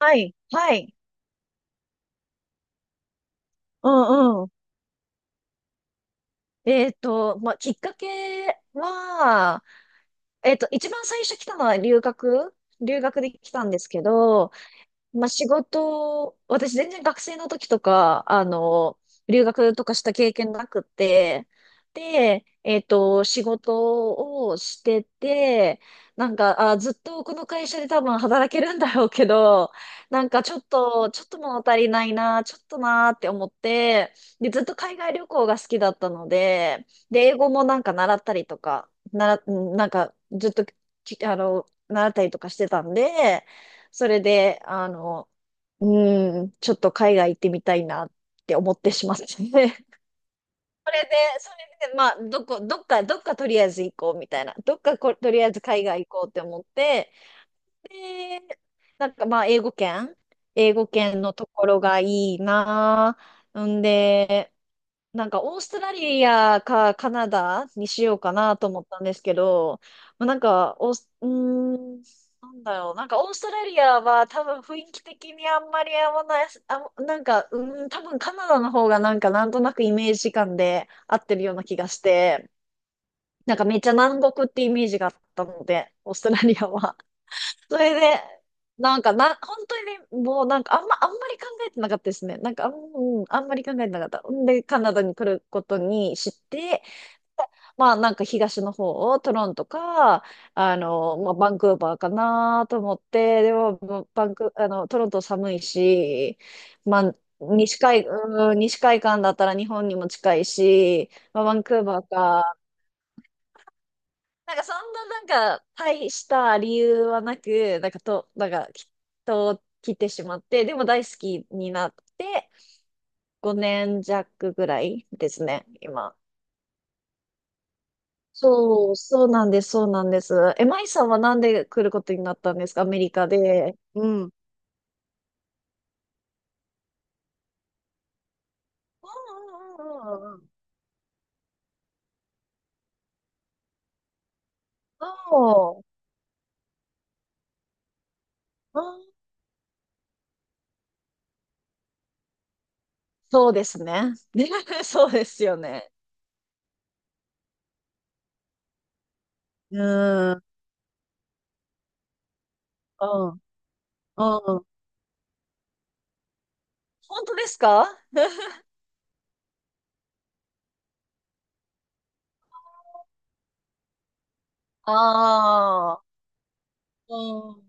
はい、はい。うんうん。まあ、きっかけは、一番最初来たのは留学で来たんですけど、まあ、仕事、私全然学生の時とか、留学とかした経験なくて、で、仕事をしてて、なんか、あ、ずっとこの会社で多分働けるんだろうけど、なんかちょっと物足りないな、ちょっとなーって思って、で、ずっと海外旅行が好きだったので、で、英語もなんか習ったりとか、なら、なんかずっと習ったりとかしてたんで、それで、ちょっと海外行ってみたいなって思ってしまってね。それで、それで、まあ、どっかとりあえず行こうみたいな。どっかこ、とりあえず海外行こうって思って、で、なんかまあ、英語圏のところがいいなぁ。んで、なんかオーストラリアかカナダにしようかなと思ったんですけど、まあ、なんかオース、なんだろう、なんかオーストラリアは多分雰囲気的にあんまり合わない、あ、なんか、多分カナダの方がなんかなんとなくイメージ感で合ってるような気がして、なんかめっちゃ南国ってイメージがあったので、オーストラリアは。それで、なんかな、本当にね、もうなんかあんまり考えてなかったですね。なんかうん、あんまり考えてなかった。んで、カナダに来ることにして、まあなんか東の方をトロントか、まあバンクーバーかなと思って、でも、もうバンク、トロント寒いし、まあ、うん、西海岸だったら日本にも近いし、まあ、バンクーバーか、なんかそんななんか大した理由はなく、なんかと、なんかきっと来てしまって、でも大好きになって5年弱ぐらいですね、今。そう、そうなんです、そうなんです。え、マイさんはなんで来ることになったんですか、アメリカで。うん。うんうんうんうんうん、そう、うん、そうですね。そうですよね。うん。うん。うん。本当ですか？ ああ、うん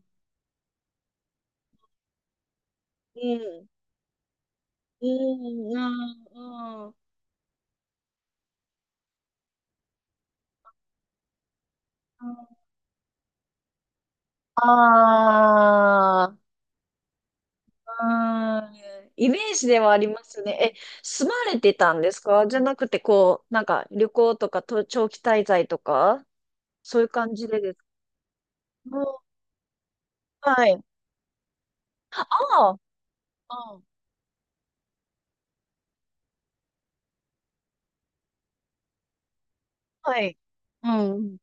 うん。うん。あー、うん、あー、あ、うん。イメージではありますね。え、住まれてたんですかじゃなくて、こう、なんか旅行とかと長期滞在とか、そういう感じでですか？うん、はい。あー、あー、あ、はい。うん。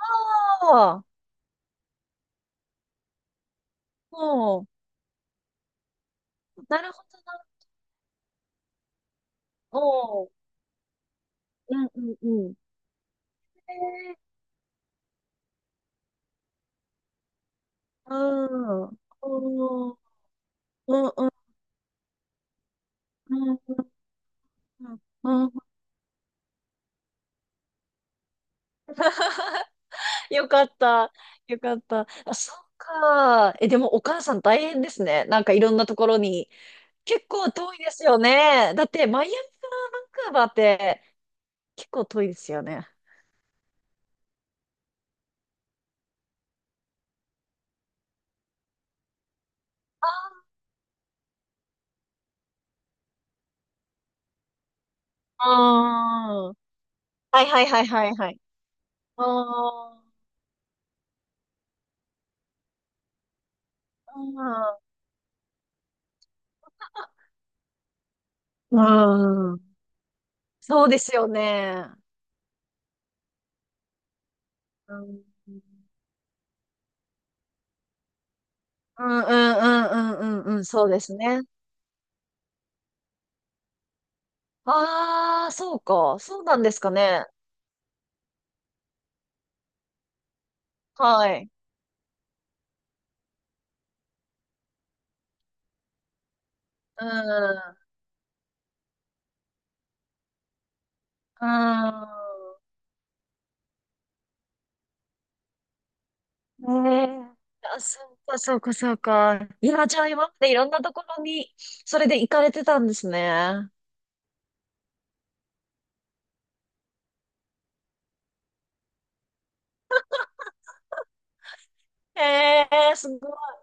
ああ、うん。なるほどな。うん。うんうんうん。えー、うんうん。うんうんうんうんうん。うん、よかった。よかった。あ、そっか。え、でもお母さん大変ですね。なんかいろんなところに。結構遠いですよね。だってマイアミからバンクーバーって結構遠いですよね。ああ。はいはいはいはいはい。ああ。うん。うん。そうですよね。うん。うんうんうんうんうんうん。そうですね。ああ、そうか。そうなんですかね。はい。うん。うん。ねえ、あ、そうか、そうか、そうか。いや、じゃあ今までいろんなところに、それで行かれてたんですね。ええ、すごい。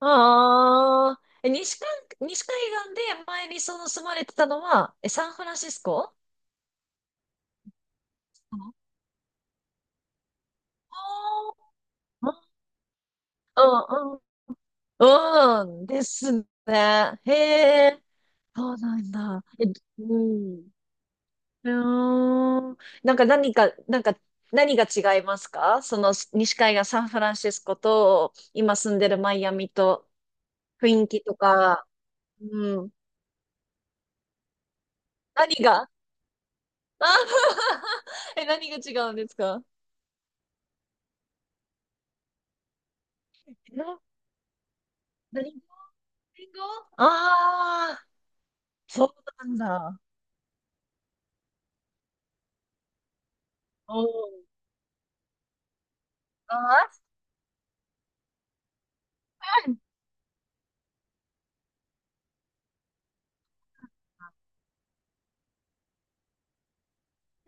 ああ、え、西海岸で前にその住まれてたのは、え、サンフランシスコ？ああー、うん、うん、うん、ですね。へえ、そうなんだ。え、うん。うーんなんかなんか何が違いますか、その西海岸サンフランシスコと今住んでるマイアミと、雰囲気とか？うん。何が、あ、 え、何が違うんですか？え、何語？英語？ああー、そうなんだ。おー、ああ、そうなん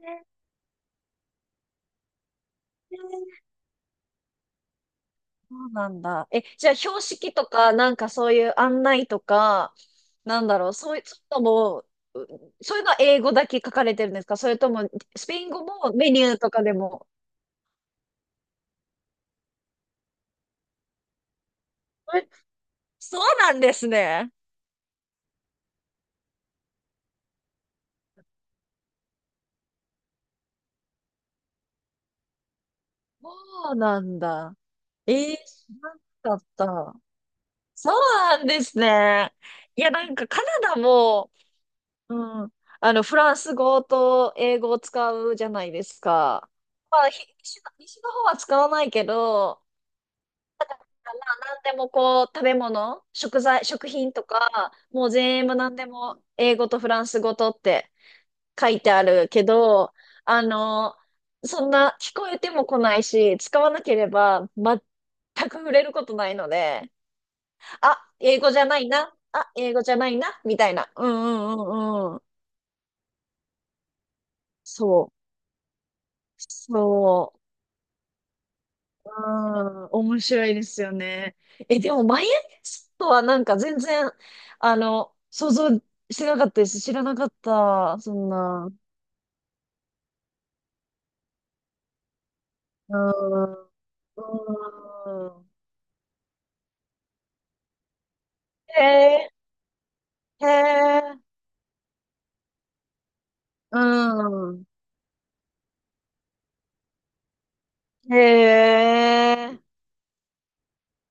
だ、そうなんだ。え、じゃあ標識とか、なんかそういう案内とか、なんだろう、そういうのも、うそういうのは英語だけ書かれてるんですか？それとも、スペイン語も、メニューとかでも？え、そうなんですね。そうなんだ。えー、知らなかった。そうなんですね。いや、なんかカナダも、うん、フランス語と英語を使うじゃないですか。まあ、西の方は使わないけど、まあ、なんでもこう、食べ物、食材、食品とか、もう全部なんでも英語とフランス語とって書いてあるけど、あの、そんな聞こえても来ないし、使わなければ全く触れることないので、あ、英語じゃないな、あ、英語じゃないな、みたいな。うんうんうんうん。そう。そう。うん、面白いですよね。え、でも、マイアミスとはなんか全然、想像してなかったです。知らなかった。そんな。うん。うん。へえ、へえ、うん。へえ、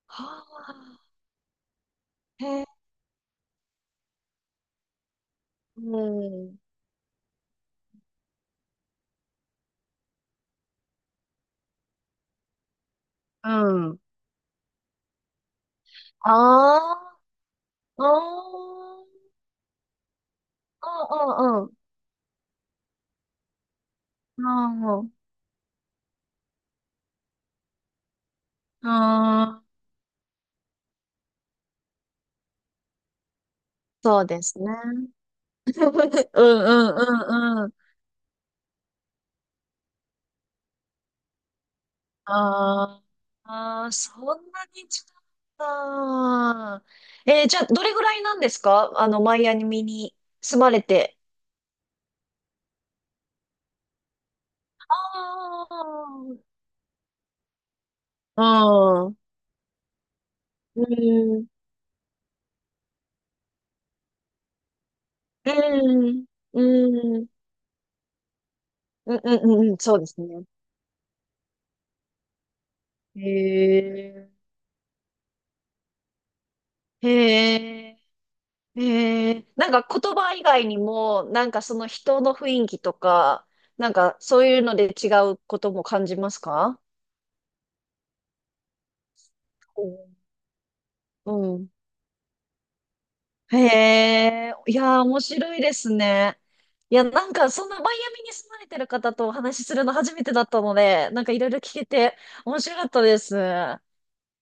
はあ、へえ、うん。うん。ああ、ああ、ああ、ああ、ああ、そうですね。うんうんうん、あー、あー、そんなに違った。えー、じゃあ、どれぐらいなんですか、マイアミに住まれて？ああ、うん。うん。うん。うん。うん。うん。うん。そうですね。へえ。へえ。へえ。なんか言葉以外にも、なんかその人の雰囲気とか、なんかそういうので違うことも感じますか？うん。へえ、いやー、面白いですね。いや、なんか、そんなマイアミに住まれてる方とお話しするの初めてだったので、なんかいろいろ聞けて面白かったです。